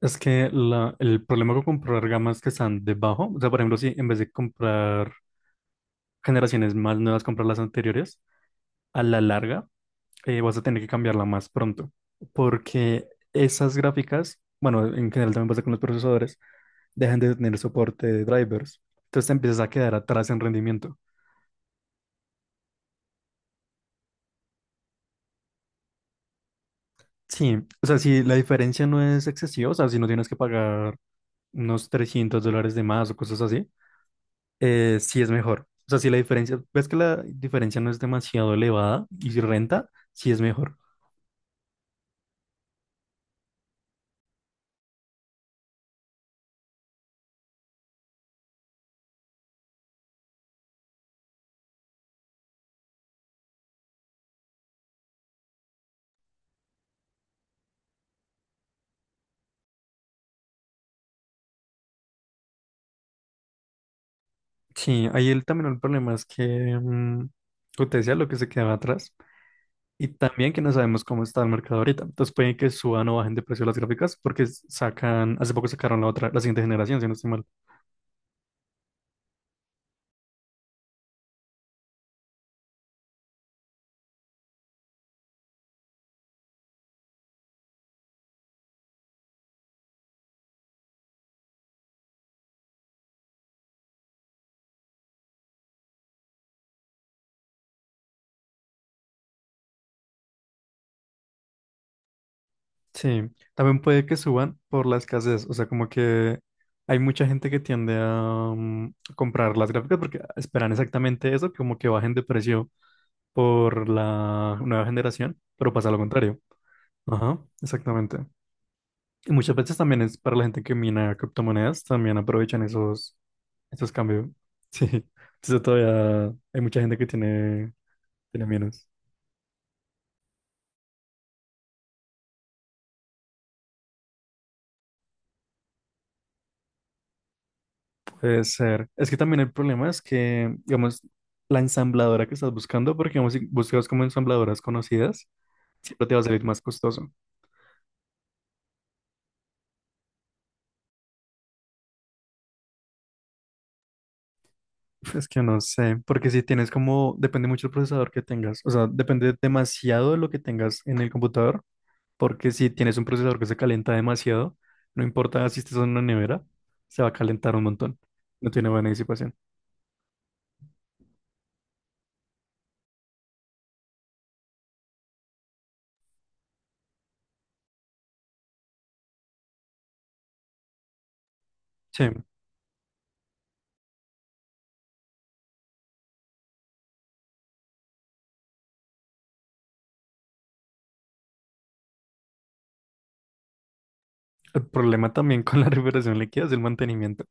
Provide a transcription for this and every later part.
Es que el problema con comprar gamas que están debajo, o sea, por ejemplo, si en vez de comprar generaciones más nuevas, comprar las anteriores, a la larga vas a tener que cambiarla más pronto, porque esas gráficas, bueno, en general también pasa con los procesadores, dejan de tener soporte de drivers, entonces te empiezas a quedar atrás en rendimiento. Sí, o sea, si la diferencia no es excesiva, o sea, si no tienes que pagar unos $300 de más o cosas así, sí es mejor. O sea, si la diferencia, ves que la diferencia no es demasiado elevada y si renta, sí es mejor. Sí, ahí el, también el problema es que, mm, como te decía, lo que se quedaba atrás y también que no sabemos cómo está el mercado ahorita. Entonces pueden que suban o bajen de precio las gráficas porque sacan, hace poco sacaron la otra, la siguiente generación, si no estoy mal. Sí, también puede que suban por la escasez, o sea, como que hay mucha gente que tiende a comprar las gráficas porque esperan exactamente eso, como que bajen de precio por la nueva generación, pero pasa lo contrario. Ajá, exactamente. Y muchas veces también es para la gente que mina criptomonedas, también aprovechan esos, esos cambios. Sí, entonces todavía hay mucha gente que tiene, tiene menos. Puede ser. Es que también el problema es que, digamos, la ensambladora que estás buscando, porque digamos, si buscas como ensambladoras conocidas, siempre te va a salir más costoso. Es que no sé, porque si tienes como, depende mucho del procesador que tengas, o sea, depende demasiado de lo que tengas en el computador porque si tienes un procesador que se calienta demasiado, no importa si estés en una nevera, se va a calentar un montón. No tiene buena disipación. Sí, el problema también con la refrigeración líquida es el mantenimiento.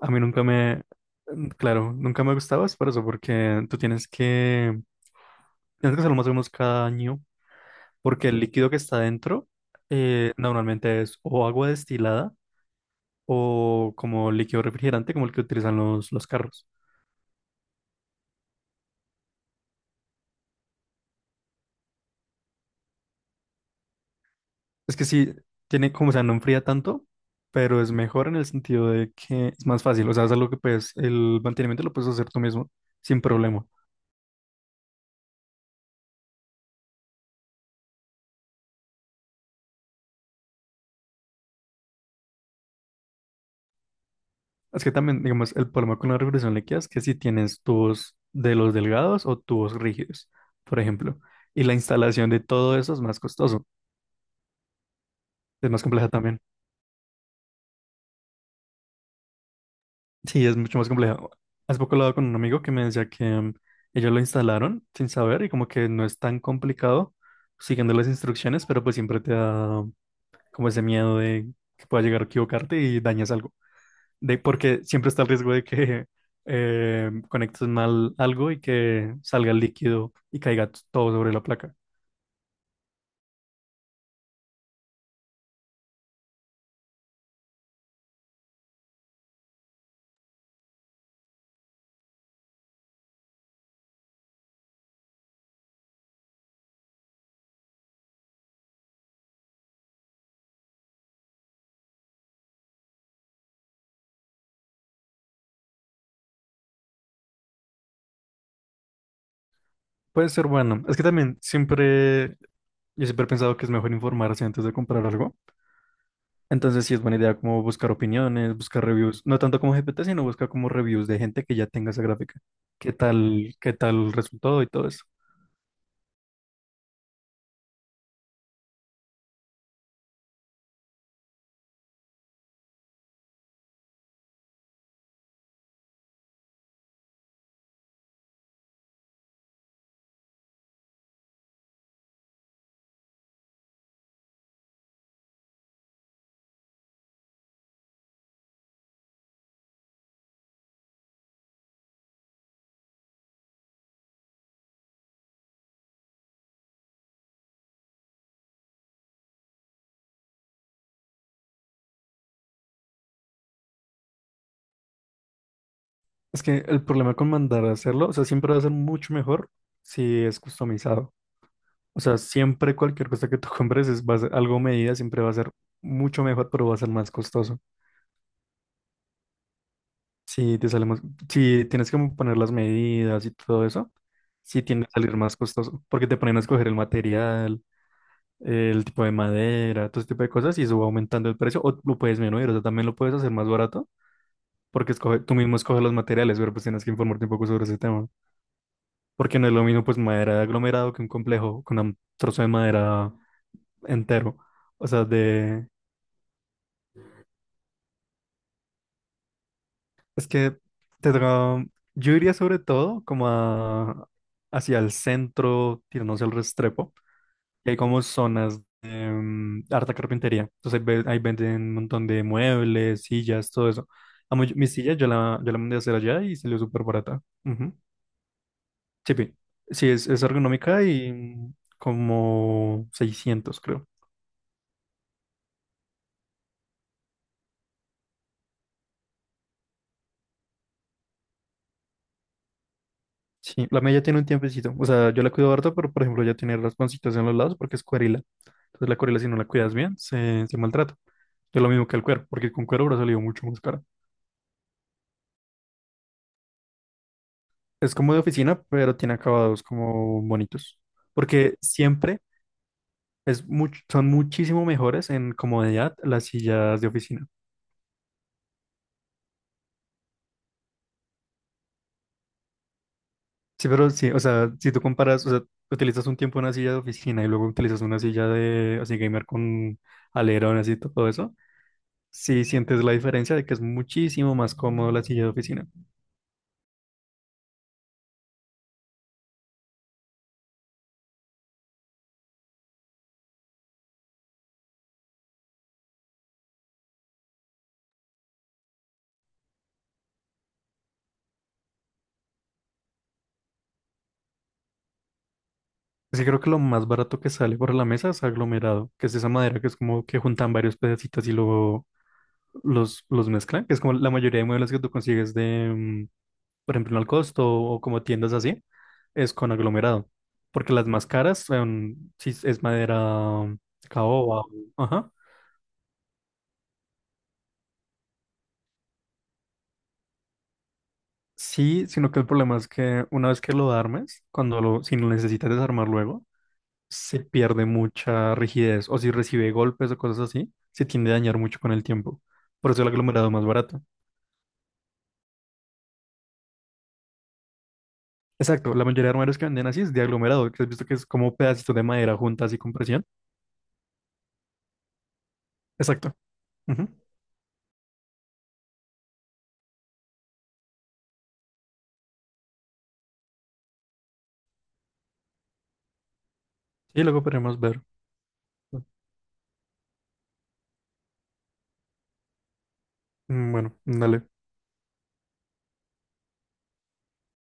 A mí nunca me, mm, Claro, nunca me gustaba es por eso, porque tú tienes que hacerlo más o menos cada año, porque el líquido que está dentro normalmente es o agua destilada o como líquido refrigerante, como el que utilizan los carros. Es que sí, tiene como, o sea, no enfría tanto, pero es mejor en el sentido de que es más fácil. O sea, es algo que puedes, el mantenimiento lo puedes hacer tú mismo, sin problema. Es que también, digamos, el problema con la refrigeración líquida es que si tienes tubos de los delgados o tubos rígidos, por ejemplo, y la instalación de todo eso es más costoso, es más compleja también. Sí, es mucho más compleja. Hace poco hablaba con un amigo que me decía que ellos lo instalaron sin saber y como que no es tan complicado siguiendo las instrucciones, pero pues siempre te da como ese miedo de que pueda llegar a equivocarte y dañes algo. De, porque siempre está el riesgo de que conectes mal algo y que salga el líquido y caiga todo sobre la placa. Puede ser bueno. Es que también siempre, yo siempre he pensado que es mejor informarse antes de comprar algo. Entonces sí es buena idea como buscar opiniones, buscar reviews. No tanto como GPT, sino buscar como reviews de gente que ya tenga esa gráfica. Qué tal resultó y todo eso? Es que el problema con mandar a hacerlo, o sea, siempre va a ser mucho mejor si es customizado. O sea, siempre cualquier cosa que tú compres es, va a ser algo a medida, siempre va a ser mucho mejor, pero va a ser más costoso. Si te sale más- si tienes que poner las medidas y todo eso, sí tiende a salir más costoso, porque te ponen a escoger el material, el tipo de madera, todo ese tipo de cosas, y eso va aumentando el precio, o lo puedes disminuir, o sea, también lo puedes hacer más barato, porque escoge, tú mismo escoges los materiales, pero pues tienes que informarte un poco sobre ese tema. Porque no es lo mismo pues madera de aglomerado que un complejo con un trozo de madera entero. O sea, de... Es que te toca- Yo iría sobre todo como hacia el centro, tirándose al Restrepo. Que hay como zonas de harta carpintería. Entonces ahí, ahí venden un montón de muebles, sillas, todo eso. Mi silla yo la mandé a hacer allá y salió súper barata. Ujú. Chipi. Sí, es ergonómica y como 600 creo. Sí, la mía ya tiene un tiempecito. O sea, yo la cuido harto, pero por ejemplo ya tiene rasponcitos en los lados porque es cuerila. Entonces la cuerila si no la cuidas bien, se maltrata. Es lo mismo que el cuero, porque con cuero habrá salido mucho más cara. Es como de oficina, pero tiene acabados como bonitos. Porque siempre es son muchísimo mejores en comodidad las sillas de oficina. Sí, pero sí, o sea, si tú comparas, o sea, utilizas un tiempo una silla de oficina y luego utilizas una silla de así gamer con alerón, así todo eso. Sí, sientes la diferencia de que es muchísimo más cómodo la silla de oficina. Sí, creo que lo más barato que sale por la mesa es aglomerado, que es esa madera que es como que juntan varios pedacitos y luego los mezclan, que es como la mayoría de muebles que tú consigues de, por ejemplo, en el costo o como tiendas así, es con aglomerado. Porque las más caras son, si es madera caoba, ajá. Sí, sino que el problema es que una vez que lo armes, cuando lo, si lo necesitas desarmar luego, se pierde mucha rigidez o si recibe golpes o cosas así, se tiende a dañar mucho con el tiempo. Por eso el aglomerado es más barato. Exacto, la mayoría de armarios que venden así es de aglomerado, que has visto que es como pedacitos de madera juntas y con presión. Exacto. Ujú. Y luego podremos ver. Bueno, dale.